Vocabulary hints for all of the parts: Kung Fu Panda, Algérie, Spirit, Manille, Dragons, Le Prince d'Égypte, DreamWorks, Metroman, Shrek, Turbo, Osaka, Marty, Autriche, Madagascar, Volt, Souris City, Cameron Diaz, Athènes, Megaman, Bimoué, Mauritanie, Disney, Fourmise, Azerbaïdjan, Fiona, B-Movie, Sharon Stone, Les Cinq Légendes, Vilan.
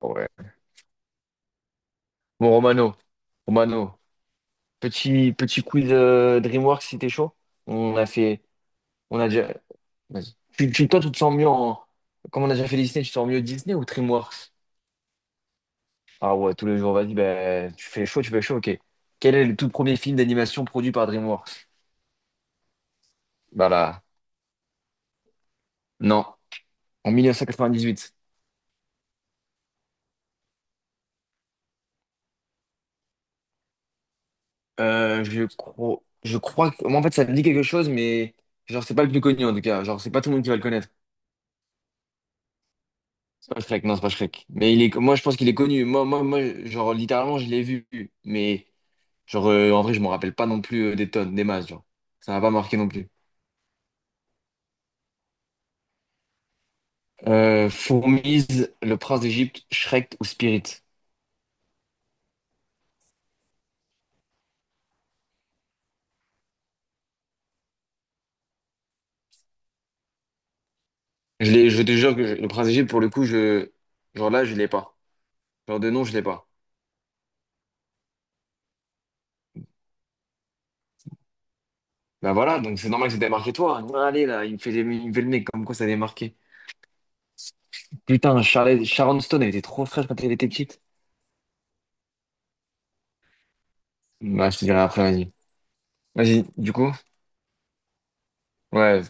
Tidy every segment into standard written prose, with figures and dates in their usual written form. Ouais. Bon, Romano, Romano, petit quiz DreamWorks si t'es chaud. On a fait, on a déjà. Vas-y. Toi, tu te sens mieux en. Comme on a déjà fait Disney, tu te sens mieux Disney ou DreamWorks? Ah ouais, tous les jours, vas-y, ben, tu fais chaud, ok. Quel est le tout premier film d'animation produit par DreamWorks? Bah là, non, en 1998. Je crois que, moi, en fait, ça me dit quelque chose, mais genre, c'est pas le plus connu en tout cas. Genre, c'est pas tout le monde qui va le connaître. C'est pas Shrek, non, c'est pas Shrek. Mais il est, moi, je pense qu'il est connu. Moi, genre, littéralement, je l'ai vu. Mais, genre, en vrai, je m'en rappelle pas non plus des tonnes, des masses, genre. Ça m'a pas marqué non plus. Fourmise, Le Prince d'Égypte, Shrek ou Spirit? Je l'ai, je te jure que je- Le Prince d'Égypte, pour le coup, je, genre là, je l'ai pas. Genre de nom, je l'ai pas. Bah voilà, donc c'est normal que ça t'ait marqué toi. Allez, là, il me fait, des- il me fait le nez, comme quoi ça t'est marqué. Putain, Charlotte, Sharon Stone, elle était trop fraîche quand elle était petite. Bah, je te dirai après, vas-y. Vas-y, du coup. Ouais,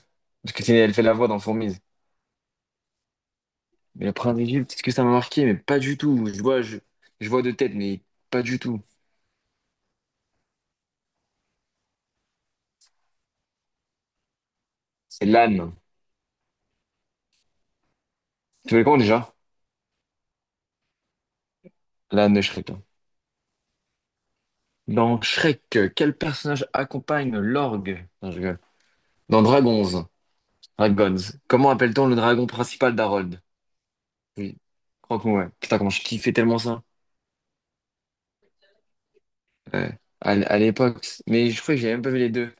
parce que c'est- elle fait la voix dans Fourmise. Mais le prince d'Égypte, est-ce que ça m'a marqué? Mais pas du tout. Je vois de tête, mais pas du tout. C'est l'âne. Tu veux comment déjà? L'âne de Shrek, hein. Dans Shrek, quel personnage accompagne l'orgue? Non, je rigole. Dans Dragons, Dragons, comment appelle-t-on le dragon principal d'Harold? Oui, crois-moi, ouais. Putain, comment je kiffais tellement ça. Ouais. À, l- à l'époque. Mais je crois que j'ai même pas vu les deux.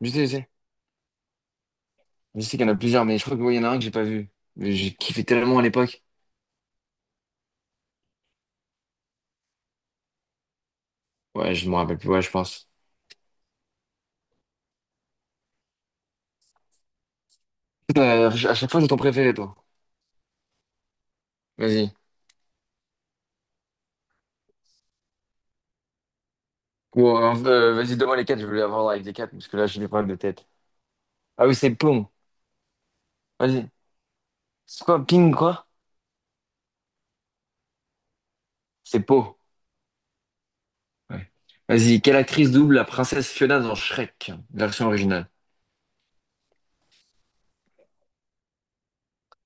Je sais, je sais. Je sais qu'il y en a plusieurs, mais je crois que ouais, il y en a un que j'ai pas vu. Mais j'ai kiffé tellement à l'époque. Ouais, je me rappelle plus, ouais, je pense. Putain, à chaque fois, j'ai ton préféré, toi. Vas-y. Ou, vas-y, donne-moi les quatre, je voulais avoir avec les quatre, parce que là, j'ai des problèmes de tête. Ah oui, c'est Pong. Vas-y. C'est quoi, Ping, quoi? C'est Po. Ouais. Vas-y, quelle actrice double la princesse Fiona dans Shrek, version originale?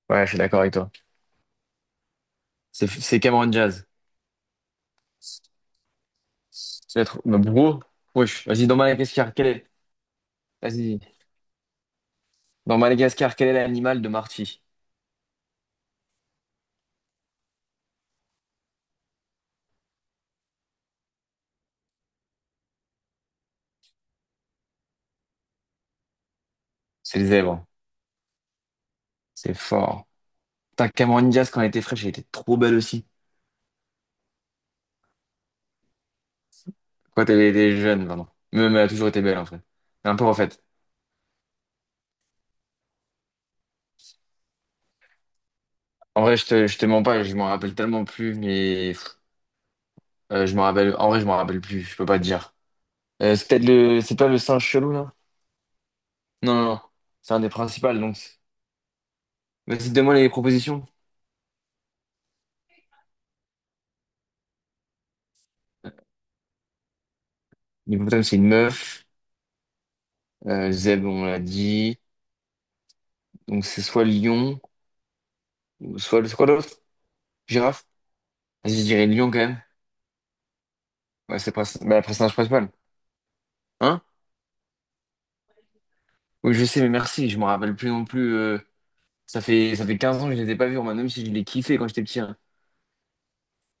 Ouais, je suis d'accord avec toi. C'est Cameron Diaz. Tu vas être... Bah, bro. Wesh. Vas-y, dans Madagascar, quel est... Vas-y. Dans Madagascar, quel est l'animal de Marty? C'est le zèbre. C'est fort. Putain, Cameron Diaz, quand elle était fraîche, elle était trop belle aussi. Quand elle était jeune, pardon. Même elle a toujours été belle, en fait. Un peu en fait. En vrai, je te mens pas, je m'en rappelle tellement plus, mais pff, je m'en rappelle. En vrai, je m'en rappelle plus, je peux pas te dire. C'est peut-être le. C'est pas le singe chelou, là? Non, non, non. C'est un des principaux, donc. Vas-y, donne-moi les propositions. L'hippopotame, c'est une meuf. Zèbre, on l'a dit. Donc, c'est soit lion, ou soit. C'est quoi l'autre? Girafe? Vas-y, je dirais lion, quand même. Ouais, c'est le princi- bah, le personnage principal. Hein? Oui, je sais, mais merci, je m'en rappelle plus non plus. Ça fait 15 ans que je les ai pas vus, Roman, même si je les kiffais quand j'étais petit, hein.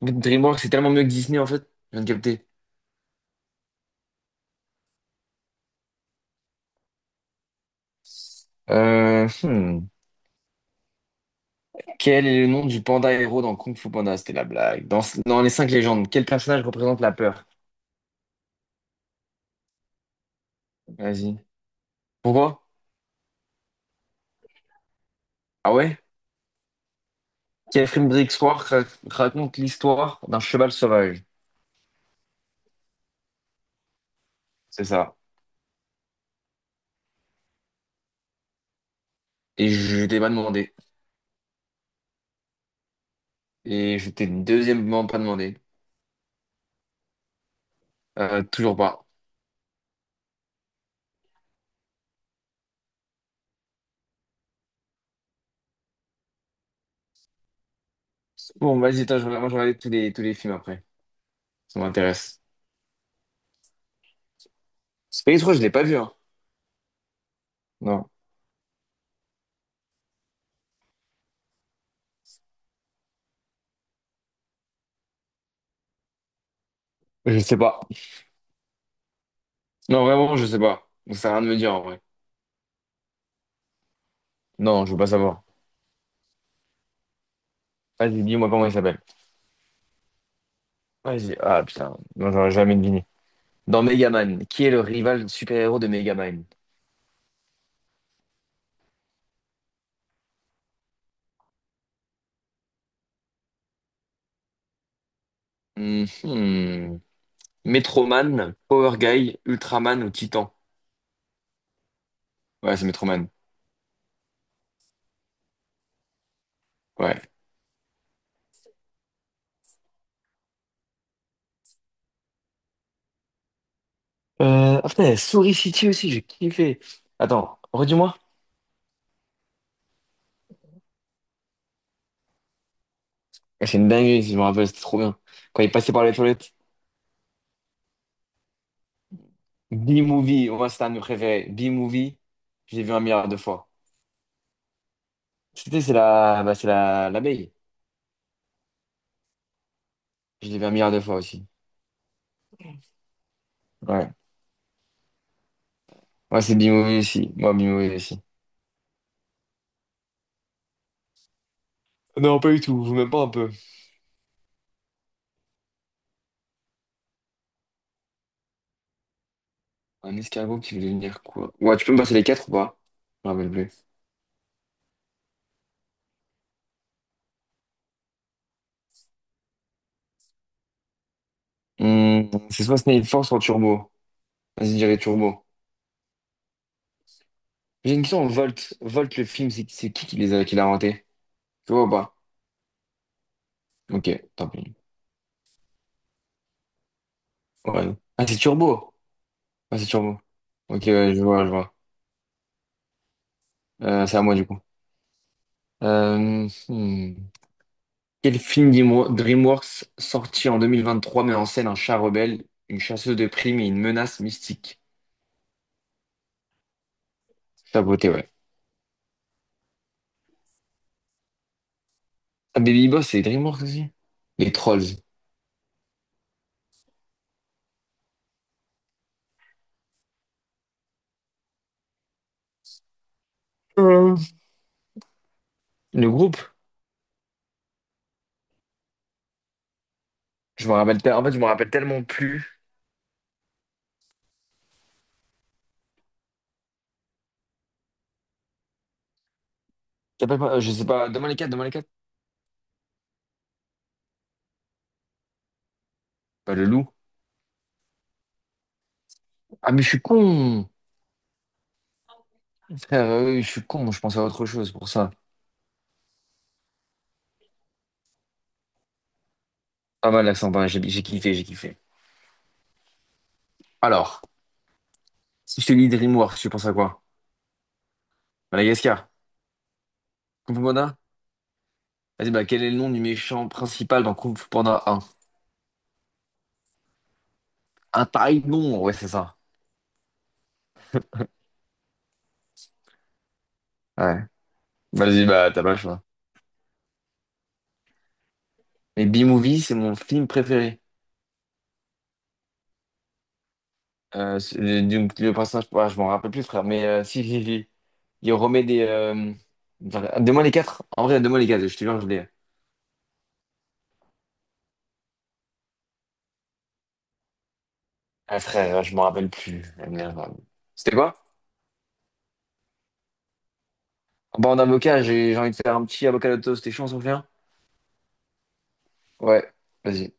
En fait, DreamWorks, c'est tellement mieux que Disney, en fait. Je viens de capter. Euh, hmm. Quel est le nom du panda héros dans Kung Fu Panda? C'était la blague. Dans, dans les cinq légendes, quel personnage représente la peur? Vas-y. Pourquoi? Ah ouais? Quel film d'histoire ra- raconte l'histoire d'un cheval sauvage? C'est ça. Et je t'ai pas demandé. Et je t'ai deuxièmement pas demandé. Toujours pas. Bon, vas-y, attends, je vais regarder tous les films après. Ça m'intéresse. Space 3, je l'ai pas vu, hein. Non. Je sais pas. Non, vraiment, je sais pas. Ça sert à rien de me dire en vrai. Non, je veux pas savoir. Vas-y, dis-moi comment il s'appelle. Vas-y. Ah putain, non, j'aurais jamais deviné. Dans Megaman, qui est le rival super-héros de Megaman? Mhm. Metroman, Power Guy, Ultraman ou Titan? Ouais, c'est Metroman. Ouais. Ah putain, il y a Souris City aussi, j'ai kiffé. Attends, redis-moi. Ah, c'est une dinguerie, si je me rappelle, c'était trop bien. Quand il passait par les toilettes. B-Movie, moi, c'était un de mes préférés. B-Movie, j'ai vu un milliard de fois. Tu sais, c'est la, bah, c'est la, l'abeille. Je l'ai vu un milliard de fois aussi. Ouais. Moi c'est Bimoué aussi. Moi, Bimoué aussi. Non, pas du tout. Vous même pas un peu. Un escargot qui veut devenir quoi? Ouais, tu peux me passer les quatre ou pas? Je me rappelle plus. Hmm, c'est soit Snake Force soit Turbo. Vas-y, je dirais Turbo. J'ai une question, Volt. Volt, le film, c'est qui les a, qui l'a inventé? Tu vois ou pas? Ok, tant pis. Ouais. Ah, c'est Turbo. Ah, c'est Turbo. Ok, ouais, je vois, je vois. C'est à moi, du coup. Euh, hmm. Quel film Dimo- DreamWorks sorti en 2023 met en scène un chat rebelle, une chasseuse de primes et une menace mystique? Saboté, ouais. Ah, Baby Boss, c'est DreamWorks aussi? Les Trolls. Euh, Le groupe? Je me rappelle, te- en fait, je me rappelle tellement plus. Ça s'appelle pas- je sais pas, demain les 4. Demain les quatre. Pas le loup. Ah, mais je suis con! Frère, oui, je suis con, je pensais à autre chose pour ça. Pas mal l'accent, pas mal, j'ai kiffé, j'ai kiffé. Alors, si je te dis DreamWorks, tu penses à quoi? Madagascar? Kung Fu Panda? Vas-y, bah, quel est le nom du méchant principal dans Kung Fu Panda? Un pareil nombre, ouais, c'est ça. Ouais. Vas-y, bah, t'as pas le choix. Mais B-Movie, c'est mon film préféré. C'est- du, le personnage, ah, je m'en rappelle plus, frère, mais si. Il remet des. Enfin, donne-moi les quatre. En vrai, donne-moi les quatre, je te jure, je l'ai. Ah, frère, je m'en rappelle plus. C'était quoi? Bah, en avocat, j'ai envie de faire un petit avocat de toast, t'es chaud, on s'en fait un? Ouais, vas-y.